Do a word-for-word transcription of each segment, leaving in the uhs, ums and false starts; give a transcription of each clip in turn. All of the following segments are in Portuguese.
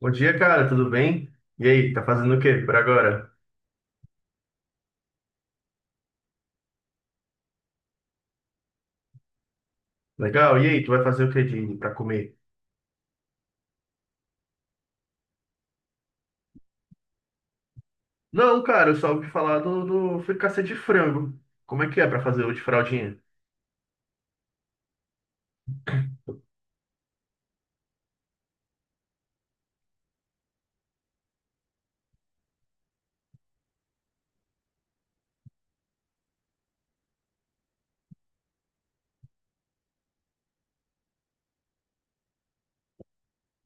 Bom dia, cara, tudo bem? E aí, tá fazendo o quê por agora? Legal, e aí, tu vai fazer o que de pra comer? Não, cara, eu só ouvi falar do, do fricassê de frango. Como é que é pra fazer o de fraldinha?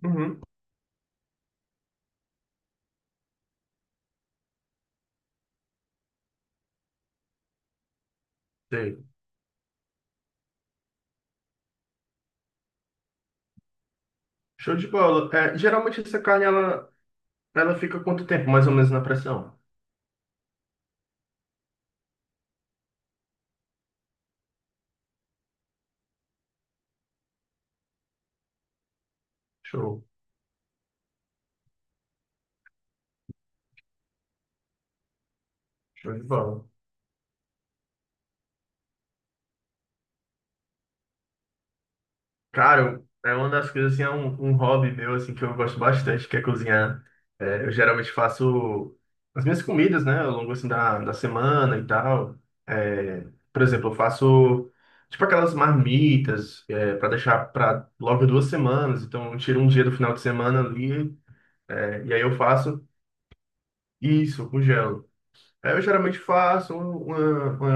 Uhum. Sei. Show de bola. É, geralmente essa carne, ela, ela fica quanto tempo, mais ou menos, na pressão? Show, show de bola. Claro, é uma das coisas, assim, é um, um hobby meu, assim, que eu gosto bastante, que é cozinhar. É, eu geralmente faço as minhas comidas, né, ao longo, assim, da, da semana e tal. É, por exemplo, eu faço, tipo, aquelas marmitas, é, para deixar para logo duas semanas. Então, eu tiro um dia do final de semana ali, é, e aí eu faço isso, eu congelo. É, eu geralmente faço um, uma,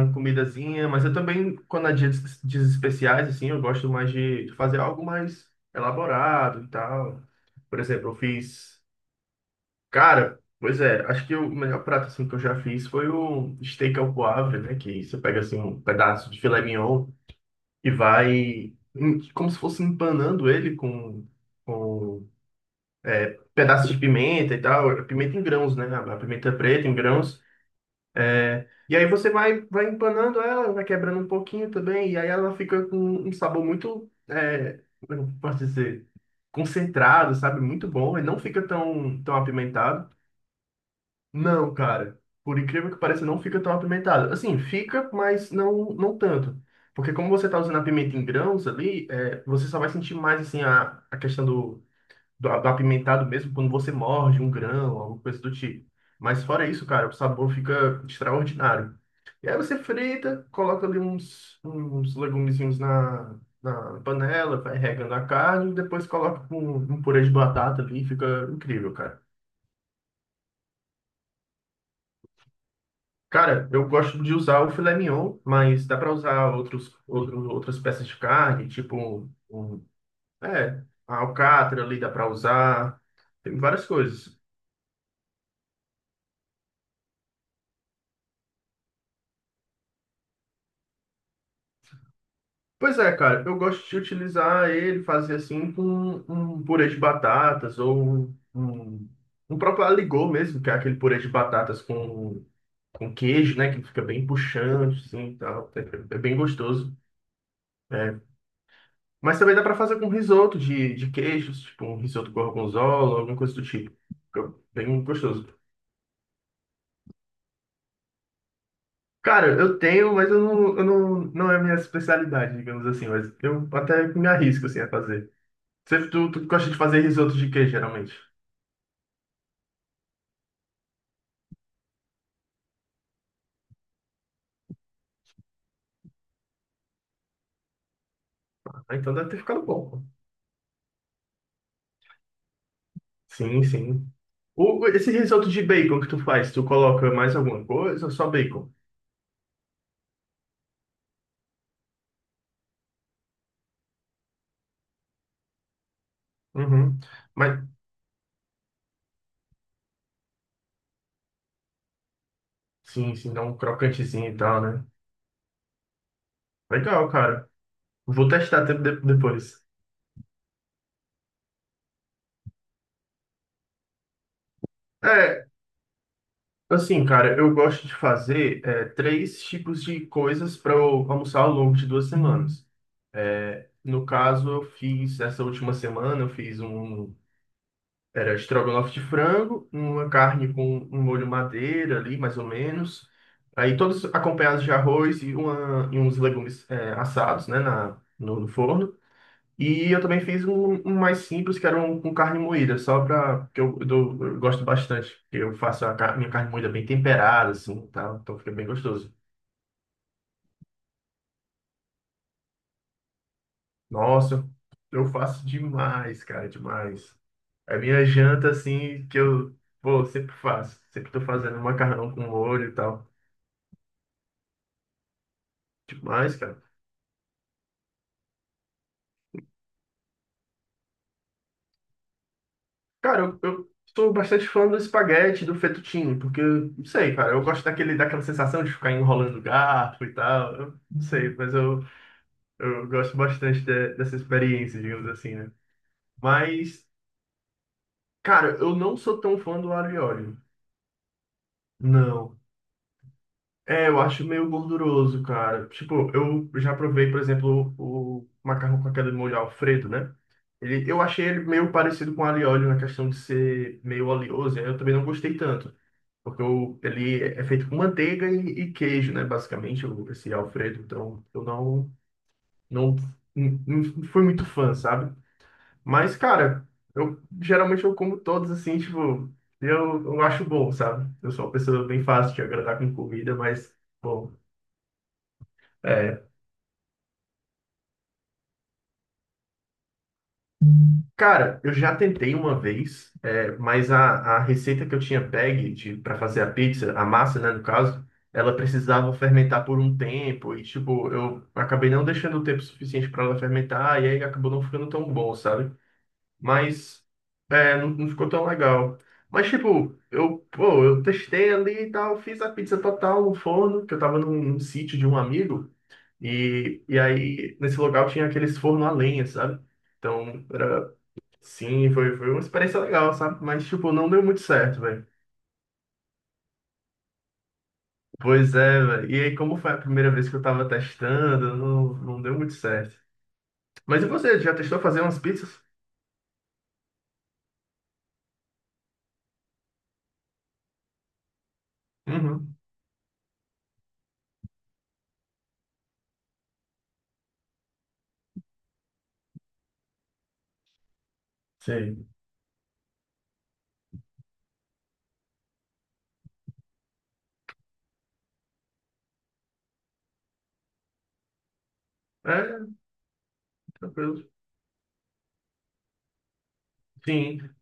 uma comidazinha, mas eu também, quando há dias, dias especiais, assim, eu gosto mais de de fazer algo mais elaborado e tal. Por exemplo, eu fiz. Cara, pois é, acho que o melhor prato assim, que eu já fiz foi o steak ao poivre, né? Que você pega assim, um pedaço de filé mignon e vai em- como se fosse empanando ele com, com pedaços de pimenta e tal. Pimenta em grãos, né? A a pimenta preta em grãos. É, e aí você vai, vai empanando ela, vai quebrando um pouquinho também, e aí ela fica com um sabor muito, é, como eu posso dizer, concentrado, sabe? Muito bom, e não fica tão, tão apimentado. Não, cara, por incrível que pareça, não fica tão apimentado. Assim, fica, mas não, não tanto. Porque como você tá usando a pimenta em grãos ali, é, você só vai sentir mais, assim, a, a questão do, do apimentado mesmo quando você morde um grão, alguma coisa do tipo. Mas fora isso, cara, o sabor fica extraordinário. E aí você frita, coloca ali uns, uns legumezinhos na, na panela, vai regando a carne, e depois coloca com um purê de batata ali, fica incrível, cara. Cara, eu gosto de usar o filé mignon, mas dá para usar outros, outro, outras peças de carne, tipo um, um- é, a alcatra ali dá para usar, tem várias coisas. Pois é, cara, eu gosto de utilizar ele, fazer assim com um purê de batatas ou um, um um próprio aligot mesmo, que é aquele purê de batatas com, com queijo, né? Que fica bem puxante, assim, e tal. É, é bem gostoso. É. Mas também dá pra fazer com risoto de, de queijos, tipo um risoto gorgonzola, alguma coisa do tipo. Fica bem gostoso. Cara, eu tenho, mas eu não, eu não, não é a minha especialidade, digamos assim, mas eu até me arrisco assim a fazer. Você, tu, tu gosta de fazer risoto de queijo, geralmente? Ah, então deve ter ficado bom. Sim, sim. O, esse risoto de bacon que tu faz, tu coloca mais alguma coisa ou só bacon? Uhum. Mas sim, sim, dá um crocantezinho e tal, né? Legal, cara. Vou testar tempo de- depois. É, assim, cara, eu gosto de fazer é, três tipos de coisas para eu almoçar ao longo de duas semanas. No caso, eu fiz, essa última semana, eu fiz um Era estrogonofe de frango, uma carne com um molho madeira ali, mais ou menos. Aí todos acompanhados de arroz e, uma, e uns legumes é, assados, né, na, no, no forno. E eu também fiz um, um mais simples, que era um com carne moída, só para que eu, eu dou- eu gosto bastante. Eu faço a car- minha carne moída bem temperada, assim, tá? Então fica bem gostoso. Nossa, eu faço demais, cara, demais. É a minha janta, assim, que eu, pô, sempre faço. Sempre tô fazendo macarrão com molho e tal. Demais, cara. Cara, eu, eu sou bastante fã do espaguete, do fettuccine, porque, não sei, cara, eu gosto daquele, daquela sensação de ficar enrolando o garfo e tal. Eu não sei, mas eu, eu gosto bastante de- dessa experiência, digamos assim, né? Mas, cara, eu não sou tão fã do alho e óleo. Não. É, eu acho meio gorduroso, cara. Tipo, eu já provei, por exemplo, o macarrão com aquele molho Alfredo, né? Ele, eu achei ele meio parecido com alho e óleo na questão de ser meio oleoso, e aí eu também não gostei tanto. Porque o, ele é é feito com manteiga e, e queijo, né? Basicamente, o- esse Alfredo. Então, eu não, não, não não fui muito fã, sabe? Mas, cara, eu geralmente eu como todos assim, tipo, eu, eu acho bom, sabe? Eu sou uma pessoa bem fácil de agradar com comida, mas, bom. é, Cara, eu já tentei uma vez, é, mas a, a receita que eu tinha pegue para fazer a pizza, a massa, né, no caso, ela precisava fermentar por um tempo e, tipo, eu acabei não deixando o tempo suficiente para ela fermentar e aí acabou não ficando tão bom, sabe? Mas é, não, não ficou tão legal. Mas, tipo, eu, pô, eu testei ali e tal, fiz a pizza total no forno, que eu tava num, num sítio de um amigo e, e aí nesse local tinha aqueles forno a lenha, sabe? Então, era Sim, foi, foi uma experiência legal, sabe? Mas, tipo, não deu muito certo, velho. Pois é, velho. E aí, como foi a primeira vez que eu tava testando, não, não deu muito certo. Mas e você, já testou fazer umas pizzas? Uhum. Sim. É, tranquilo. Sim.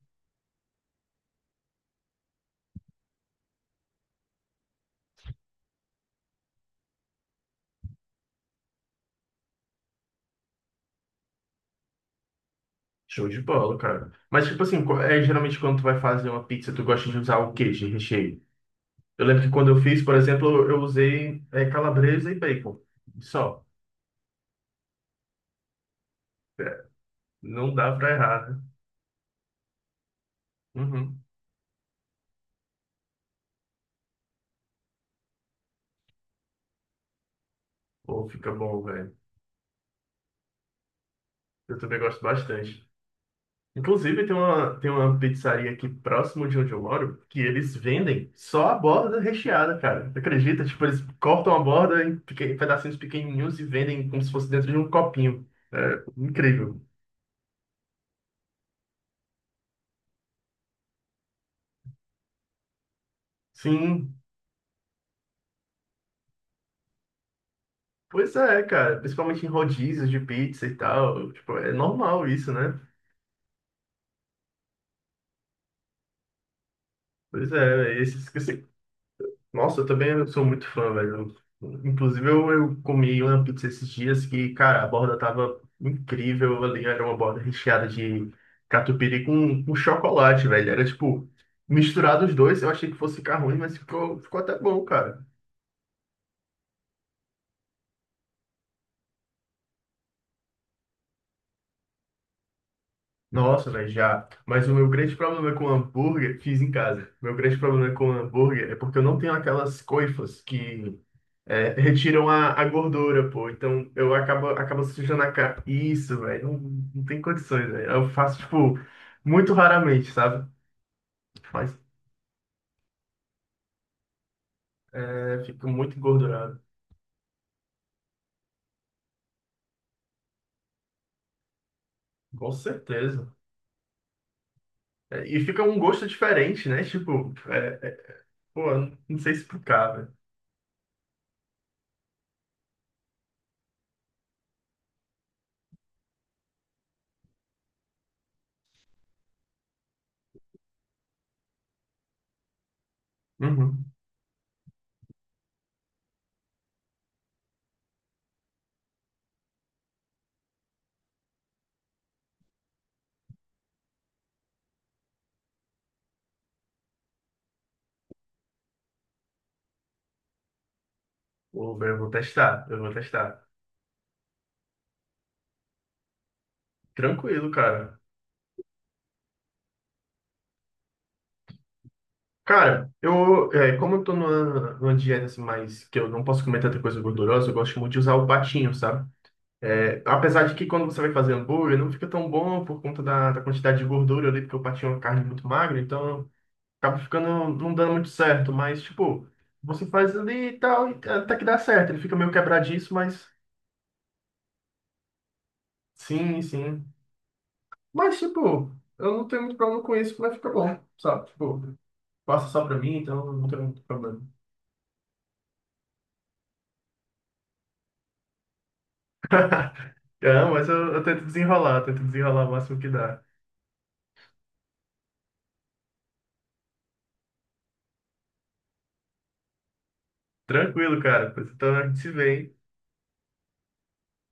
Show de bola, cara. Mas, tipo assim, qu- é, geralmente quando tu vai fazer uma pizza, tu gosta de usar o quê de recheio? Eu lembro que quando eu fiz, por exemplo, eu usei é, calabresa e bacon. Só. É, não dá pra errar, né? Uhum. Pô, fica bom, velho. Eu também gosto bastante. Inclusive, tem uma, tem uma pizzaria aqui próximo de onde eu moro que eles vendem só a borda recheada, cara. Tu acredita? Tipo, eles cortam a borda em peque- em pedacinhos pequenininhos e vendem como se fosse dentro de um copinho. É incrível. Sim, pois é, cara. Principalmente em rodízios de pizza e tal. Tipo, é normal isso, né? Pois é. esses, Nossa, eu também sou muito fã, velho. Inclusive, eu, eu comi uma pizza esses dias que, cara, a borda tava incrível ali. Era uma borda recheada de catupiry com, com chocolate, velho. Era tipo, misturado os dois. Eu achei que fosse ficar ruim, mas ficou, ficou até bom, cara. Nossa, velho, já. Mas o meu grande problema com hambúrguer, fiz em casa. Meu grande problema com hambúrguer é porque eu não tenho aquelas coifas que é, retiram a, a gordura, pô. Então eu acabo, acabo sujando a cara. Isso, velho, não, não tem condições, velho. Eu faço, tipo, muito raramente, sabe? Mas é, fico muito engordurado. Com certeza. É, e fica um gosto diferente, né? Tipo, é, é, pô, eu não sei explicar, velho. Uhum. Pô, velho, eu vou testar, eu vou testar. Tranquilo, cara. Cara, eu, é, como eu tô numa, numa dieta assim, mas que eu não posso comer tanta coisa gordurosa, eu gosto muito de usar o patinho, sabe? É, apesar de que quando você vai fazer hambúrguer, não fica tão bom por conta da, da quantidade de gordura ali, porque o patinho é uma carne muito magra, então acaba ficando, não dando muito certo, mas tipo, você faz ali e tal, e até que dá certo, ele fica meio quebradiço, mas sim, sim. Mas tipo, eu não tenho muito problema com isso, mas ficar bom, sabe? Tipo, passa só pra mim, então não tem muito problema. Não, mas eu, eu tento desenrolar, tento desenrolar o máximo que dá. Tranquilo, cara. Pois então a gente se vê, hein? Um